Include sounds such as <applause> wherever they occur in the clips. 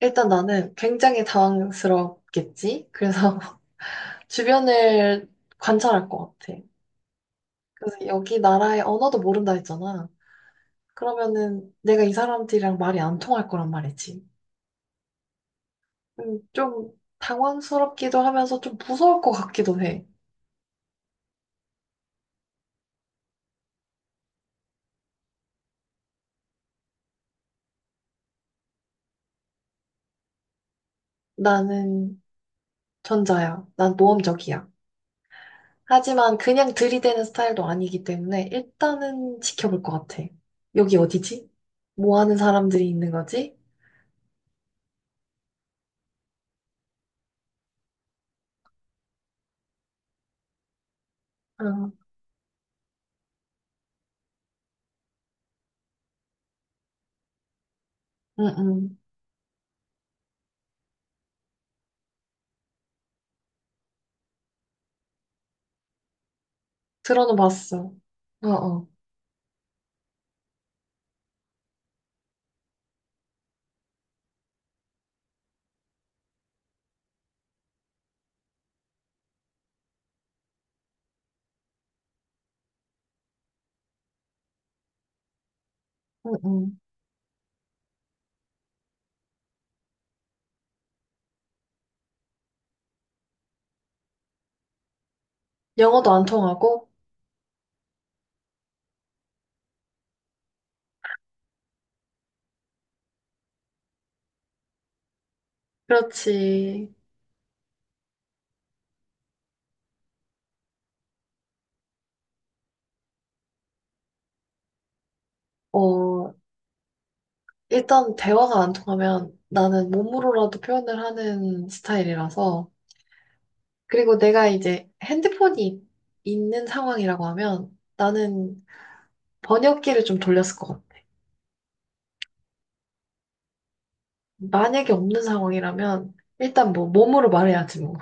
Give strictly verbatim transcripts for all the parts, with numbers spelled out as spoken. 일단 나는 굉장히 당황스럽겠지? 그래서 <laughs> 주변을 관찰할 것 같아. 그래서 여기 나라의 언어도 모른다 했잖아. 그러면은 내가 이 사람들이랑 말이 안 통할 거란 말이지. 음, 좀 당황스럽기도 하면서 좀 무서울 것 같기도 해. 나는 전자야. 난 모험적이야. 하지만 그냥 들이대는 스타일도 아니기 때문에 일단은 지켜볼 것 같아. 여기 어디지? 뭐 하는 사람들이 있는 거지? 응, 응, 응. 들어는 봤어. 어, 어. 응, 응. 영어도 안 통하고? 그렇지. 어, 일단 대화가 안 통하면 나는 몸으로라도 표현을 하는 스타일이라서. 그리고 내가 이제 핸드폰이 있는 상황이라고 하면 나는 번역기를 좀 돌렸을 것 같아. 만약에 없는 상황이라면 일단 뭐 몸으로 말해야지 뭐.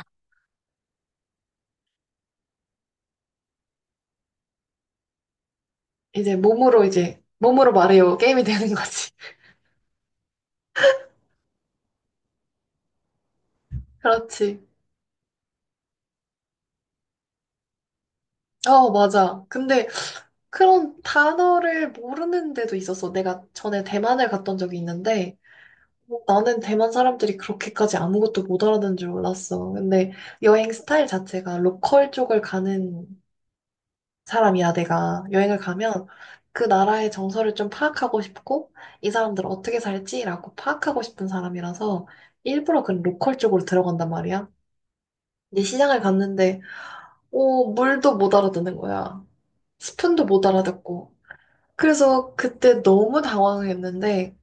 이제 몸으로 이제 몸으로 말해요. 게임이 되는 거지. <laughs> 그렇지. 어, 맞아. 근데 그런 단어를 모르는 데도 있었어. 내가 전에 대만을 갔던 적이 있는데, 뭐 나는 대만 사람들이 그렇게까지 아무것도 못 알아듣는 줄 몰랐어. 근데 여행 스타일 자체가 로컬 쪽을 가는 사람이야, 내가. 여행을 가면 그 나라의 정서를 좀 파악하고 싶고, 이 사람들 어떻게 살지라고 파악하고 싶은 사람이라서 일부러 그 로컬 쪽으로 들어간단 말이야. 근데 시장을 갔는데, 오, 물도 못 알아듣는 거야. 스푼도 못 알아듣고. 그래서 그때 너무 당황했는데,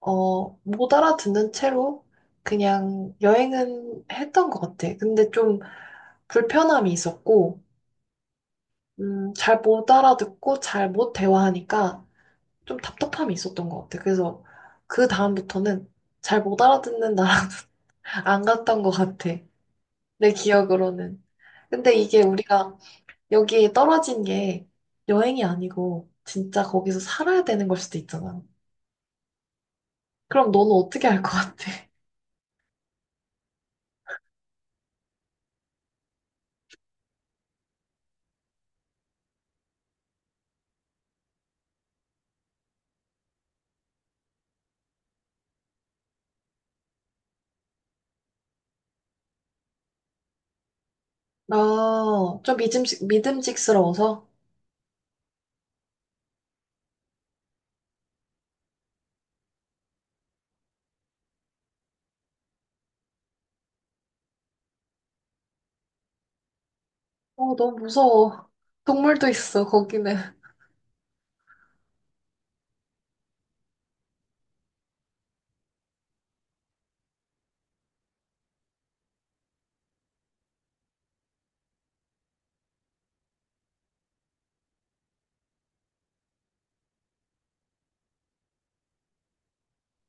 어, 못 알아듣는 채로 그냥 여행은 했던 것 같아. 근데 좀 불편함이 있었고, 음, 잘 못 알아듣고 잘 못 대화하니까 좀 답답함이 있었던 것 같아. 그래서 그 다음부터는 잘 못 알아듣는 나라도 <laughs> 안 갔던 것 같아. 내 기억으로는. 근데 이게 우리가 여기에 떨어진 게 여행이 아니고 진짜 거기서 살아야 되는 걸 수도 있잖아. 그럼 너는 어떻게 할 것 같아? 나 좀 믿음직, 믿음직스러워서? 어, 너무 무서워. 동물도 있어, 거기는.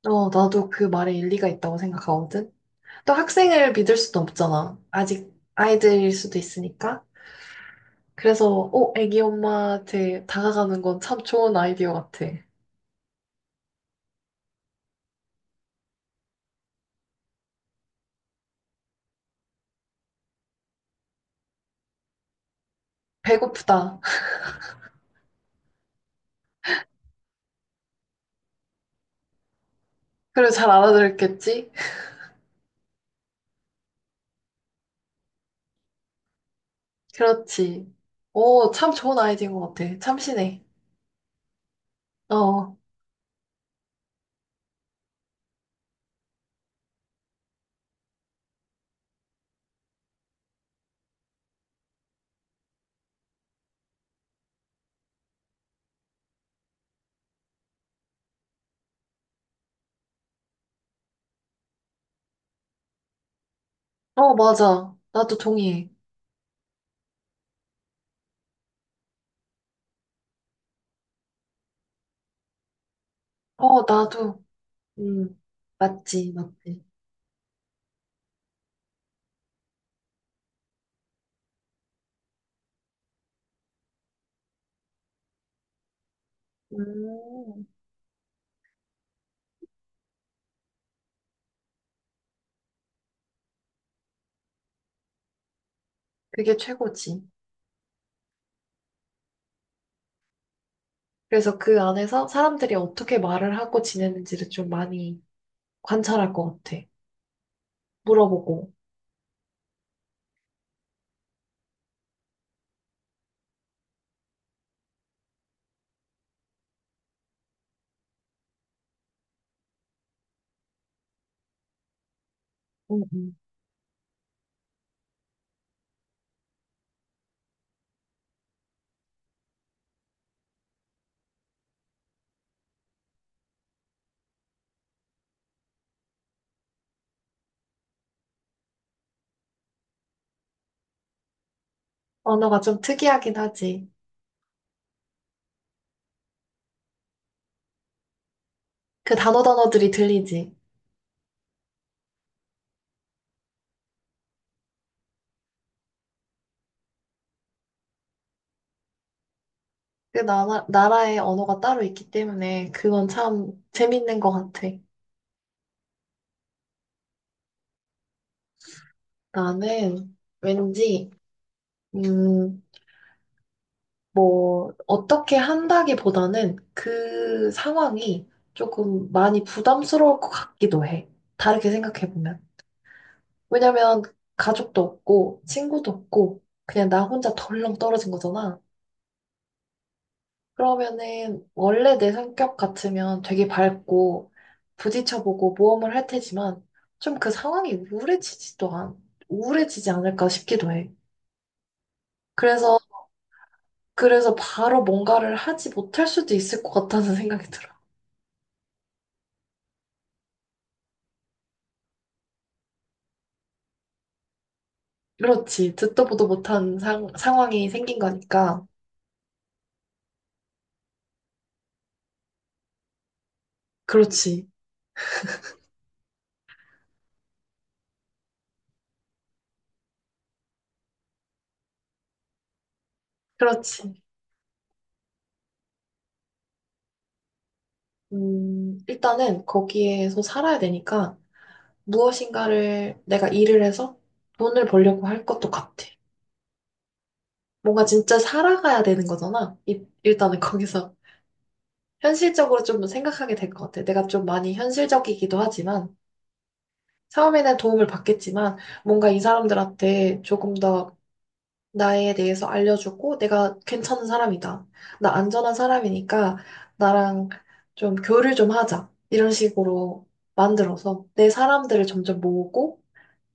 어, 나도 그 말에 일리가 있다고 생각하거든. 또 학생을 믿을 수도 없잖아. 아직 아이들일 수도 있으니까. 그래서, 어, 애기 엄마한테 다가가는 건 참 좋은 아이디어 같아. 배고프다. <laughs> 그리고 잘 알아들었겠지? 그렇지. 어, 참 좋은 아이디어인 것 같아. 참신해. 어, 어, 맞아. 나도 동의해. 어, 나도. 음, 맞지, 맞지. 음, 그게 최고지. 그래서 그 안에서 사람들이 어떻게 말을 하고 지내는지를 좀 많이 관찰할 것 같아. 물어보고. 음, 음. 언어가 좀 특이하긴 하지. 그 단어 단어들이 들리지. 그 나라, 나라의 언어가 따로 있기 때문에 그건 참 재밌는 것 같아. 나는 왠지, 음, 뭐, 어떻게 한다기보다는 그 상황이 조금 많이 부담스러울 것 같기도 해. 다르게 생각해보면. 왜냐면 가족도 없고, 친구도 없고, 그냥 나 혼자 덜렁 떨어진 거잖아. 그러면은 원래 내 성격 같으면 되게 밝고, 부딪혀보고 모험을 할 테지만, 좀 그 상황이 우울해지지도 않, 우울해지지 않을까 싶기도 해. 그래서, 그래서 바로 뭔가를 하지 못할 수도 있을 것 같다는 <laughs> 생각이 들어. 그렇지. 듣도 보도 못한 상, 상황이 생긴 거니까. 그렇지. 그렇지. 음, 일단은 거기에서 살아야 되니까 무엇인가를 내가 일을 해서 돈을 벌려고 할 것도 같아. 뭔가 진짜 살아가야 되는 거잖아. 이- 일단은 거기서 현실적으로 좀 생각하게 될 것 같아. 내가 좀 많이 현실적이기도 하지만 처음에는 도움을 받겠지만 뭔가 이 사람들한테 조금 더 나에 대해서 알려주고 내가 괜찮은 사람이다. 나 안전한 사람이니까 나랑 좀 교류를 좀 하자. 이런 식으로 만들어서 내 사람들을 점점 모으고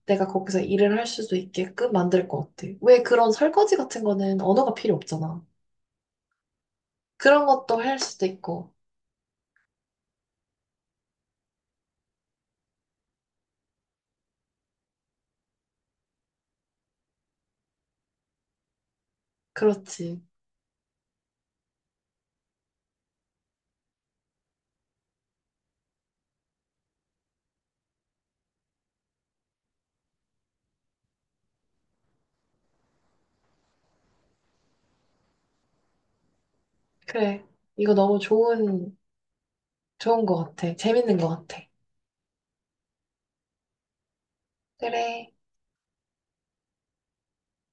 내가 거기서 일을 할 수도 있게끔 만들 것 같아. 왜 그런 설거지 같은 거는 언어가 필요 없잖아. 그런 것도 할 수도 있고. 그렇지. 그래. 이거 너무 좋은, 좋은 것 같아. 재밌는 것 같아. 그래.